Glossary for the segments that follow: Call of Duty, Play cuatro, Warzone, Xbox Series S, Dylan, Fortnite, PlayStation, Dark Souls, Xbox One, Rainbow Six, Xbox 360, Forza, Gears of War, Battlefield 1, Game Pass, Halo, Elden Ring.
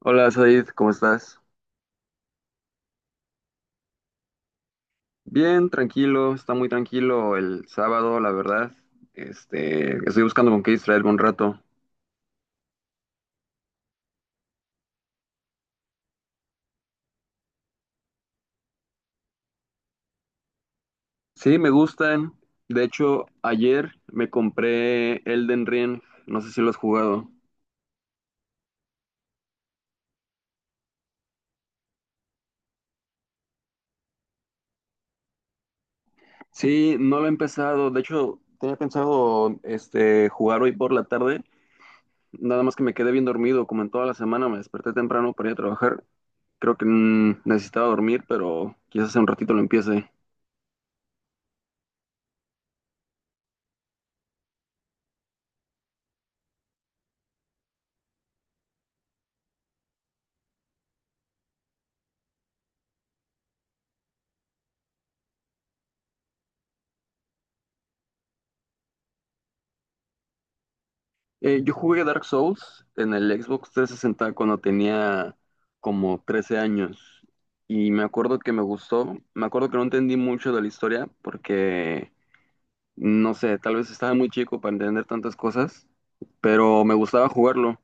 Hola Said, ¿cómo estás? Bien, tranquilo, está muy tranquilo el sábado, la verdad. Este, estoy buscando con qué distraerme un rato. Sí, me gustan. De hecho, ayer me compré Elden Ring, no sé si lo has jugado. Sí, no lo he empezado. De hecho, tenía pensado este jugar hoy por la tarde, nada más que me quedé bien dormido, como en toda la semana me desperté temprano para ir a trabajar. Creo que necesitaba dormir, pero quizás en un ratito lo empiece. Yo jugué Dark Souls en el Xbox 360 cuando tenía como 13 años y me acuerdo que me gustó, me acuerdo que no entendí mucho de la historia porque, no sé, tal vez estaba muy chico para entender tantas cosas, pero me gustaba jugarlo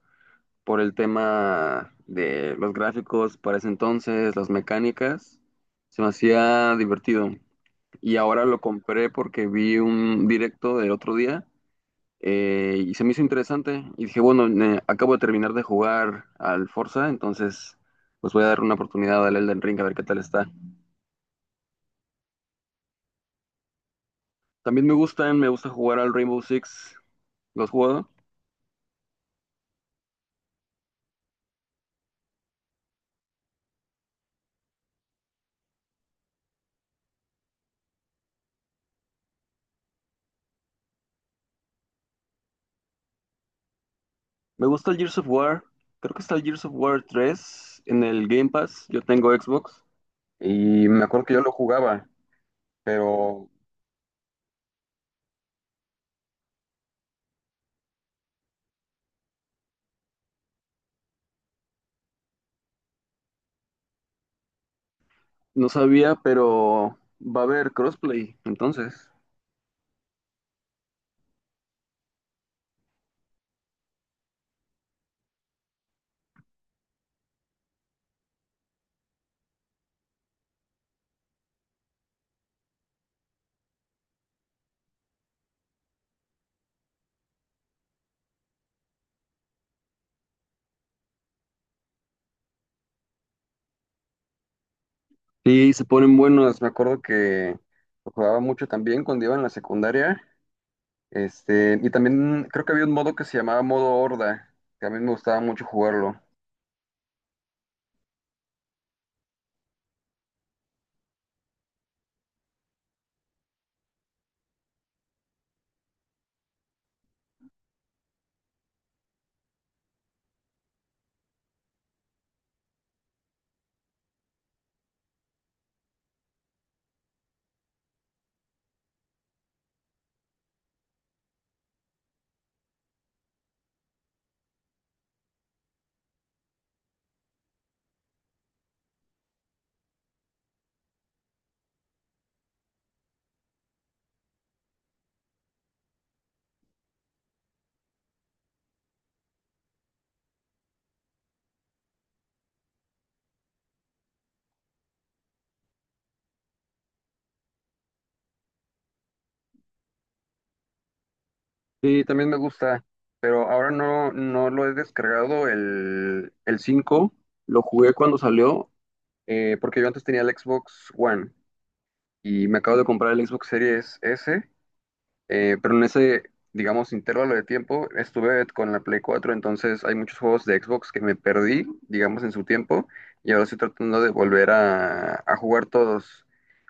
por el tema de los gráficos para ese entonces, las mecánicas, se me hacía divertido y ahora lo compré porque vi un directo del otro día, y se me hizo interesante y dije, bueno, acabo de terminar de jugar al Forza, entonces pues voy a dar una oportunidad al Elden Ring a ver qué tal está. También me gustan, me gusta jugar al Rainbow Six, ¿lo has jugado? Me gusta el Gears of War, creo que está el Gears of War 3 en el Game Pass, yo tengo Xbox y me acuerdo que yo lo jugaba, pero no sabía, pero va a haber crossplay, entonces. Sí, se ponen buenos, me acuerdo que lo jugaba mucho también cuando iba en la secundaria. Este, y también creo que había un modo que se llamaba modo horda, que a mí me gustaba mucho jugarlo. Sí, también me gusta, pero ahora no, no lo he descargado el 5, lo jugué cuando salió, porque yo antes tenía el Xbox One y me acabo de comprar el Xbox Series S. Pero en ese, digamos, intervalo de tiempo estuve con la Play 4, entonces hay muchos juegos de Xbox que me perdí, digamos, en su tiempo, y ahora estoy tratando de volver a jugar todos,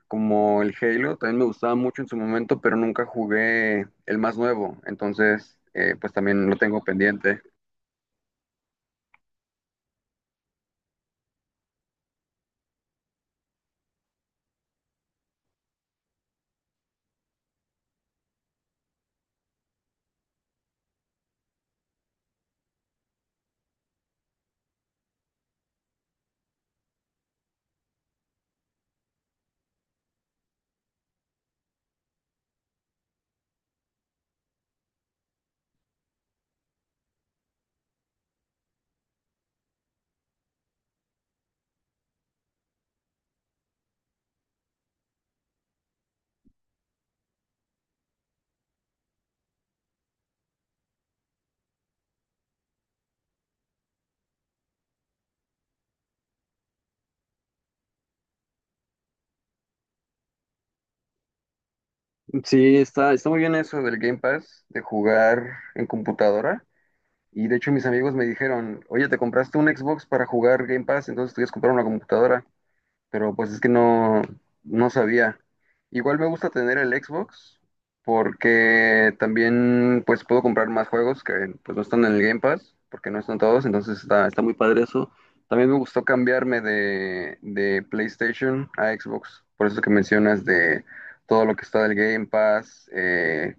como el Halo, también me gustaba mucho en su momento, pero nunca jugué el más nuevo, entonces, pues también lo tengo pendiente. Sí, está muy bien eso del Game Pass, de jugar en computadora. Y de hecho mis amigos me dijeron, oye, ¿te compraste un Xbox para jugar Game Pass? Entonces tuvieras que comprar una computadora. Pero pues es que no, no sabía. Igual me gusta tener el Xbox porque también pues puedo comprar más juegos que pues no están en el Game Pass, porque no están todos, entonces está muy padre eso. También me gustó cambiarme de PlayStation a Xbox, por eso que mencionas de todo lo que está del Game Pass,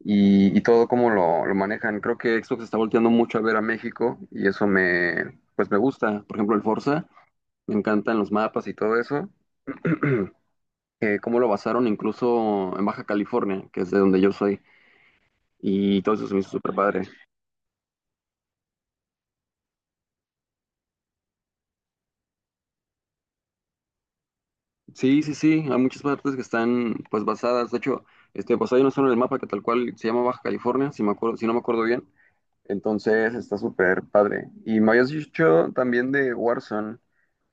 y todo cómo lo manejan. Creo que Xbox está volteando mucho a ver a México y eso me pues me gusta. Por ejemplo, el Forza, me encantan los mapas y todo eso. Cómo lo basaron incluso en Baja California, que es de donde yo soy, y todo eso se me hizo súper padre. Sí, sí, sí, hay muchas partes que están pues basadas, de hecho, este, pues hay una zona en el mapa que tal cual se llama Baja California, si me acuerdo, si no me acuerdo bien, entonces está súper padre. Y me habías dicho también de Warzone,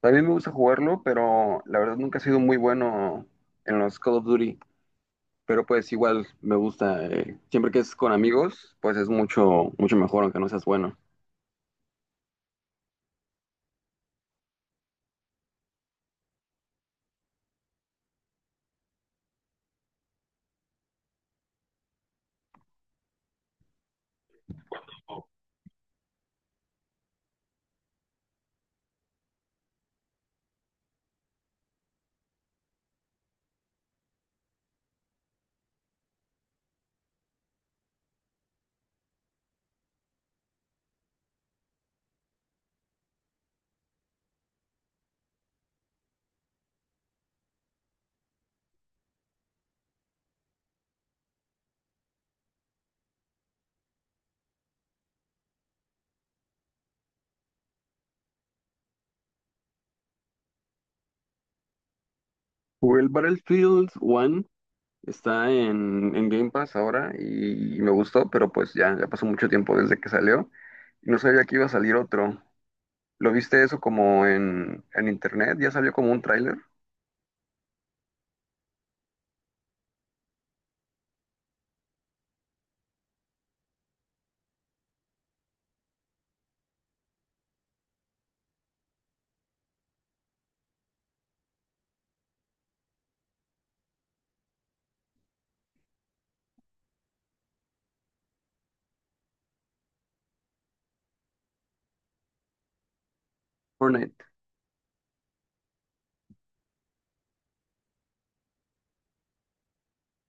también me gusta jugarlo, pero la verdad nunca he sido muy bueno en los Call of Duty. Pero pues igual me gusta, siempre que es con amigos, pues es mucho, mucho mejor, aunque no seas bueno. Jugué el Battlefield 1, está en Game Pass ahora y, me gustó, pero pues ya, ya pasó mucho tiempo desde que salió y no sabía que iba a salir otro. ¿Lo viste eso como en internet? ¿Ya salió como un tráiler? Fortnite.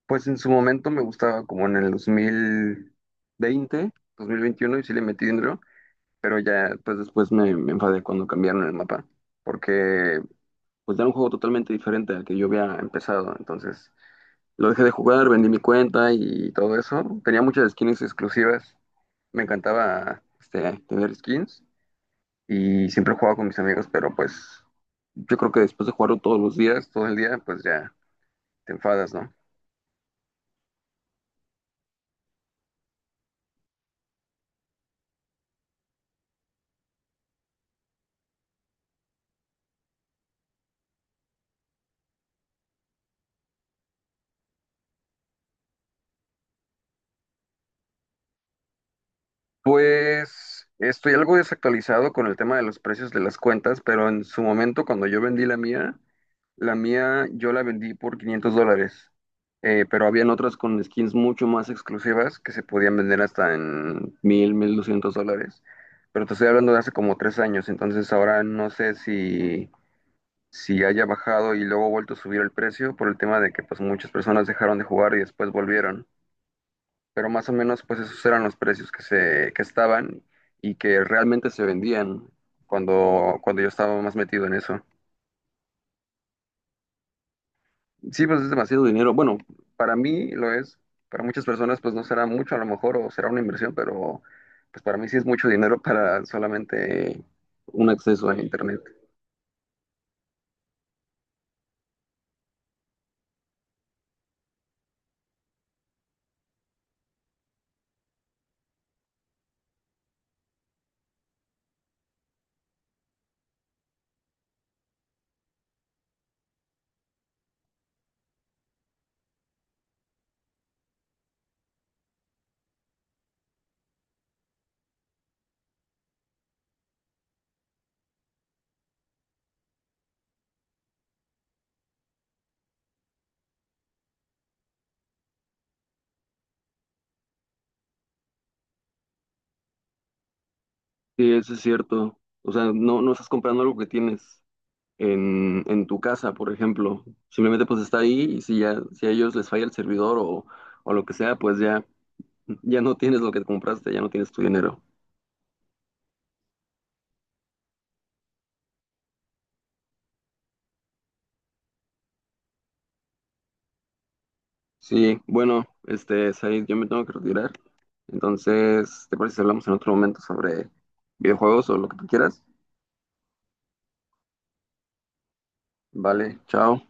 Pues en su momento me gustaba como en el 2020, 2021 y sí le metí dinero, pero ya pues después me enfadé cuando cambiaron el mapa, porque pues era un juego totalmente diferente al que yo había empezado, entonces lo dejé de jugar, vendí mi cuenta y todo eso. Tenía muchas skins exclusivas. Me encantaba este, tener skins y siempre jugaba con mis amigos, pero pues yo creo que después de jugarlo todos los días, todo el día, pues ya te enfadas, ¿no? Pues estoy algo desactualizado con el tema de los precios de las cuentas, pero en su momento cuando yo vendí la mía, la mía yo la vendí por $500, pero habían otras con skins mucho más exclusivas que se podían vender hasta en mil doscientos dólares. Pero te estoy hablando de hace como 3 años, entonces ahora no sé si haya bajado y luego vuelto a subir el precio por el tema de que pues muchas personas dejaron de jugar y después volvieron. Pero más o menos pues esos eran los precios que estaban y que realmente se vendían cuando yo estaba más metido en eso. Sí, pues es demasiado dinero. Bueno, para mí lo es. Para muchas personas, pues no será mucho a lo mejor o será una inversión, pero pues para mí sí es mucho dinero para solamente un acceso a internet. Sí, eso es cierto. O sea, no, no estás comprando algo que tienes en tu casa, por ejemplo. Simplemente pues está ahí y si ya, si a ellos les falla el servidor o lo que sea, pues ya, ya no tienes lo que compraste, ya no tienes tu dinero. Sí, bueno, este, Said, yo me tengo que retirar. Entonces, ¿te parece si hablamos en otro momento sobre videojuegos o lo que tú quieras? Vale, chao.